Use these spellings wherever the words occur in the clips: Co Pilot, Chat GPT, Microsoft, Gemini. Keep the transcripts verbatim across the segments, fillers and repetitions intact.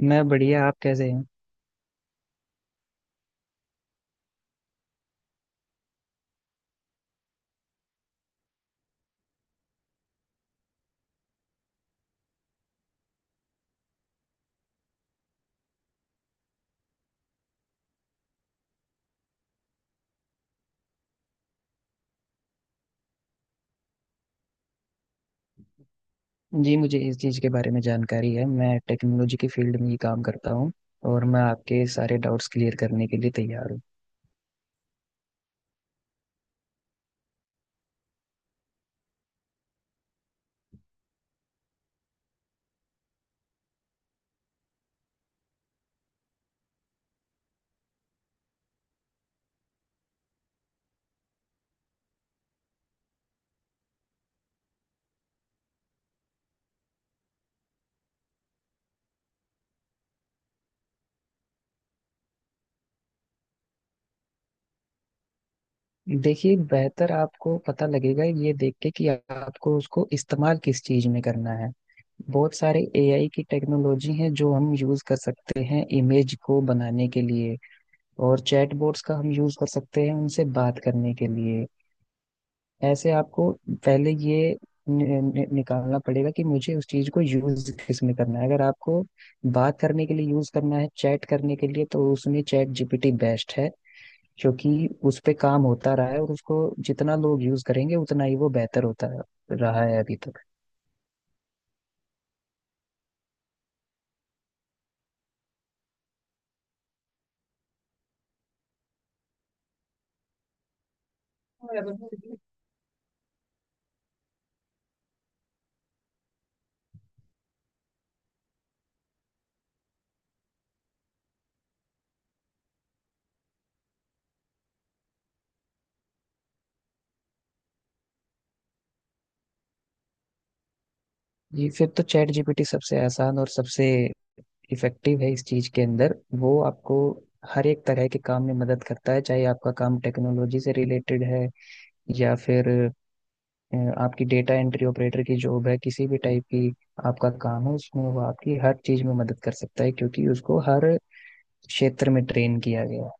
मैं बढ़िया। आप कैसे हैं। जी मुझे इस चीज़ के बारे में जानकारी है। मैं टेक्नोलॉजी की फील्ड में ही काम करता हूँ और मैं आपके सारे डाउट्स क्लियर करने के लिए तैयार हूँ। देखिए बेहतर आपको पता लगेगा ये देख के कि आपको उसको इस्तेमाल किस चीज़ में करना है। बहुत सारे एआई की टेक्नोलॉजी है जो हम यूज कर सकते हैं इमेज को बनाने के लिए, और चैटबॉट्स का हम यूज कर सकते हैं उनसे बात करने के लिए। ऐसे आपको पहले ये नि, नि, निकालना पड़ेगा कि मुझे उस चीज को यूज किस में करना है। अगर आपको बात करने के लिए यूज करना है, चैट करने के लिए, तो उसमें चैट जीपीटी बेस्ट है क्योंकि उस पे काम होता रहा है और उसको जितना लोग यूज करेंगे उतना ही वो बेहतर होता रहा है अभी तक। ये फिर तो चैट जीपीटी सबसे आसान और सबसे इफेक्टिव है इस चीज के अंदर। वो आपको हर एक तरह के काम में मदद करता है, चाहे आपका काम टेक्नोलॉजी से रिलेटेड है या फिर अ, आपकी डेटा एंट्री ऑपरेटर की जॉब है, किसी भी टाइप की आपका काम है, उसमें वो आपकी हर चीज में मदद कर सकता है क्योंकि उसको हर क्षेत्र में ट्रेन किया गया है।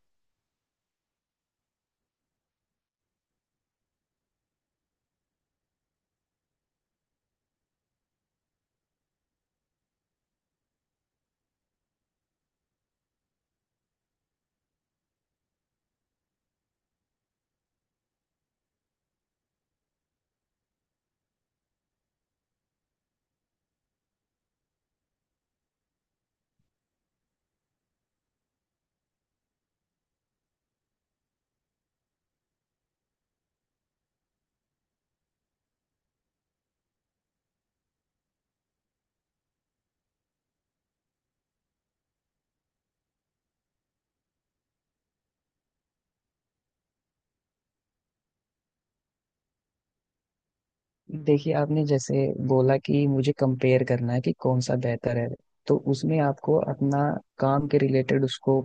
देखिए आपने जैसे बोला कि मुझे कंपेयर करना है कि कौन सा बेहतर है, तो उसमें आपको अपना काम के रिलेटेड उसको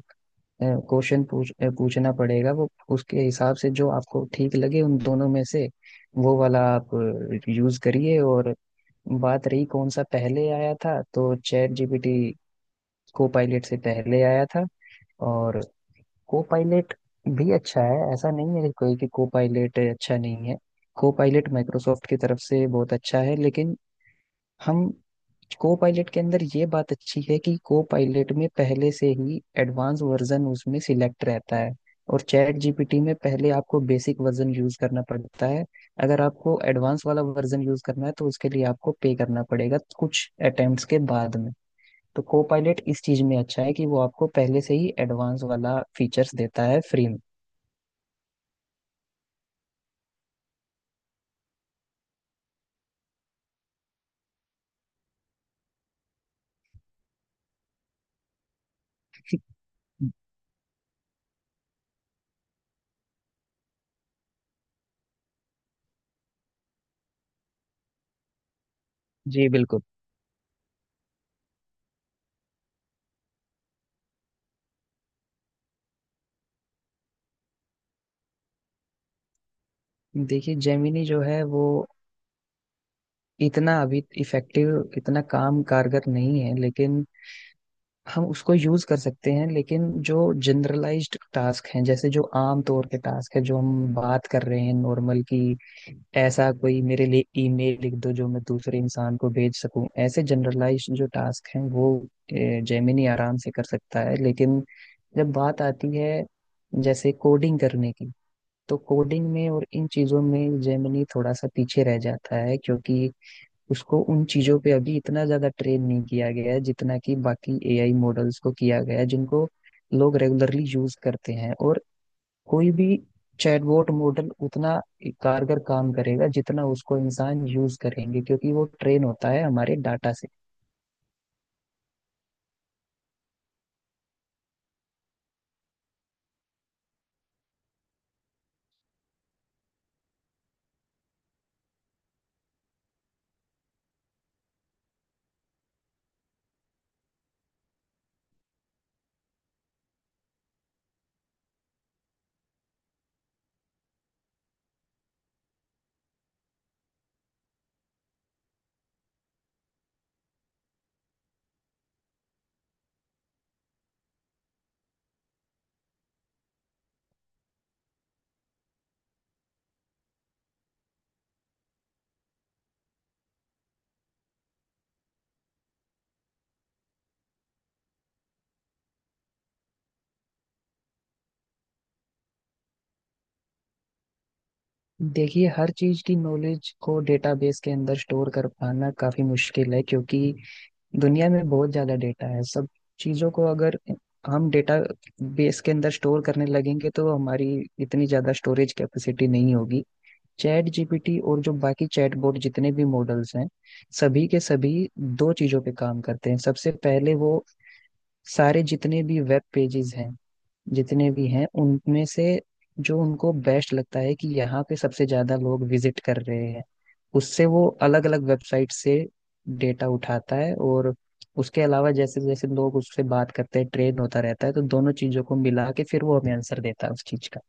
क्वेश्चन पूछ अ, पूछना पड़ेगा। वो उसके हिसाब से जो आपको ठीक लगे उन दोनों में से वो वाला आप यूज करिए। और बात रही कौन सा पहले आया था, तो चैट जीपीटी को पायलट से पहले आया था। और को पायलट भी अच्छा है, ऐसा नहीं है कि कोई कि को पायलट अच्छा नहीं है। को पायलट माइक्रोसॉफ्ट की तरफ से बहुत अच्छा है, लेकिन हम को पायलट के अंदर ये बात अच्छी है कि को पायलट में पहले से ही एडवांस वर्जन उसमें सिलेक्ट रहता है, और चैट जीपीटी में पहले आपको बेसिक वर्जन यूज करना पड़ता है। अगर आपको एडवांस वाला वर्जन यूज करना है, तो उसके लिए आपको पे करना पड़ेगा कुछ अटेम्प्ट्स के बाद में। तो को पायलट इस चीज में अच्छा है कि वो आपको पहले से ही एडवांस वाला फीचर्स देता है फ्री में। जी बिल्कुल। देखिए जेमिनी जो है वो इतना अभी इफेक्टिव, इतना काम कारगर नहीं है, लेकिन हम उसको यूज कर सकते हैं। लेकिन जो जनरलाइज्ड टास्क हैं, जैसे जो आम तौर के टास्क है जो हम बात कर रहे हैं नॉर्मल की, ऐसा कोई मेरे लिए ईमेल लिख दो जो मैं दूसरे इंसान को भेज सकूं, ऐसे जनरलाइज जो टास्क हैं वो जेमिनी आराम से कर सकता है। लेकिन जब बात आती है जैसे कोडिंग करने की, तो कोडिंग में और इन चीजों में जेमिनी थोड़ा सा पीछे रह जाता है, क्योंकि उसको उन चीजों पे अभी इतना ज्यादा ट्रेन नहीं किया गया है जितना कि बाकी एआई मॉडल्स को किया गया है, जिनको लोग रेगुलरली यूज करते हैं। और कोई भी चैटबॉट मॉडल उतना कारगर काम करेगा जितना उसको इंसान यूज करेंगे, क्योंकि वो ट्रेन होता है हमारे डाटा से। देखिए हर चीज की नॉलेज को डेटाबेस के अंदर स्टोर कर पाना काफी मुश्किल है, क्योंकि दुनिया में बहुत ज़्यादा डेटा है। सब चीज़ों को अगर हम डेटा बेस के अंदर स्टोर करने लगेंगे तो हमारी इतनी ज़्यादा स्टोरेज कैपेसिटी नहीं होगी। चैट जीपीटी और जो बाकी चैट बोर्ड जितने भी मॉडल्स हैं, सभी के सभी दो चीज़ों पे काम करते हैं। सबसे पहले वो सारे जितने भी वेब पेजेस हैं, जितने भी हैं, उनमें से जो उनको बेस्ट लगता है कि यहाँ पे सबसे ज्यादा लोग विजिट कर रहे हैं, उससे वो अलग अलग वेबसाइट से डेटा उठाता है। और उसके अलावा जैसे जैसे लोग उससे बात करते हैं ट्रेन होता रहता है, तो दोनों चीजों को मिला के फिर वो हमें आंसर देता है उस चीज का।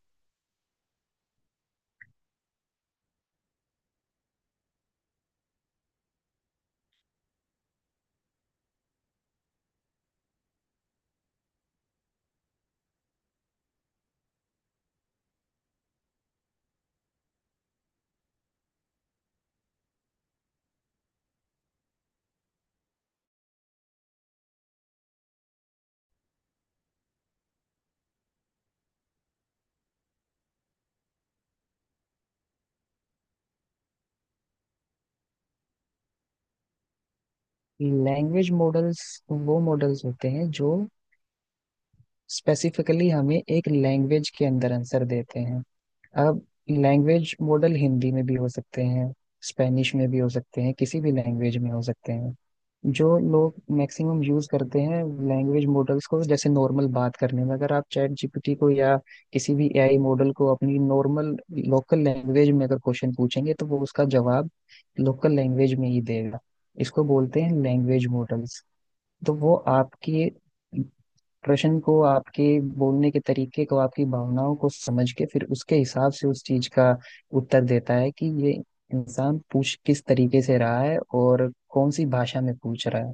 लैंग्वेज मॉडल्स वो मॉडल्स होते हैं जो स्पेसिफिकली हमें एक लैंग्वेज के अंदर आंसर देते हैं। अब लैंग्वेज मॉडल हिंदी में भी हो सकते हैं, स्पेनिश में भी हो सकते हैं, किसी भी लैंग्वेज में हो सकते हैं जो लोग मैक्सिमम यूज करते हैं लैंग्वेज मॉडल्स को। जैसे नॉर्मल बात करने में अगर आप चैट जीपीटी को या किसी भी एआई मॉडल को अपनी नॉर्मल लोकल लैंग्वेज में अगर क्वेश्चन पूछेंगे, तो वो उसका जवाब लोकल लैंग्वेज में ही देगा। इसको बोलते हैं लैंग्वेज मॉडल्स। तो वो आपके प्रश्न को, आपके बोलने के तरीके को, आपकी भावनाओं को समझ के फिर उसके हिसाब से उस चीज का उत्तर देता है कि ये इंसान पूछ किस तरीके से रहा है और कौन सी भाषा में पूछ रहा है।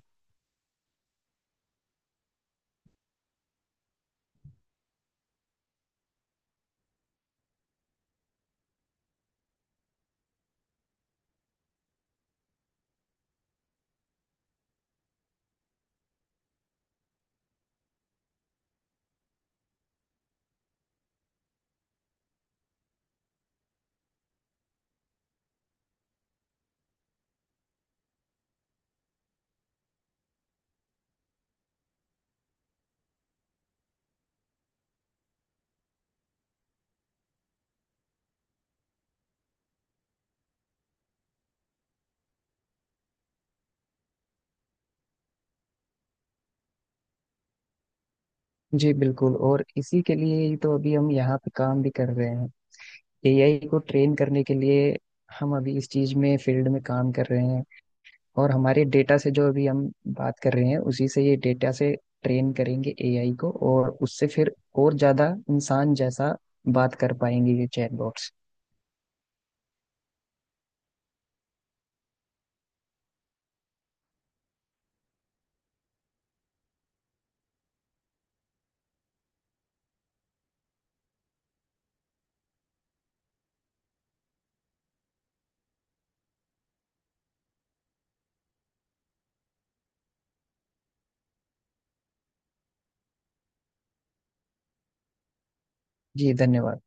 जी बिल्कुल, और इसी के लिए ही तो अभी हम यहाँ पे काम भी कर रहे हैं एआई को ट्रेन करने के लिए। हम अभी इस चीज में फील्ड में काम कर रहे हैं, और हमारे डेटा से जो अभी हम बात कर रहे हैं उसी से, ये डेटा से ट्रेन करेंगे एआई को, और उससे फिर और ज्यादा इंसान जैसा बात कर पाएंगे ये चैटबॉट्स। जी धन्यवाद।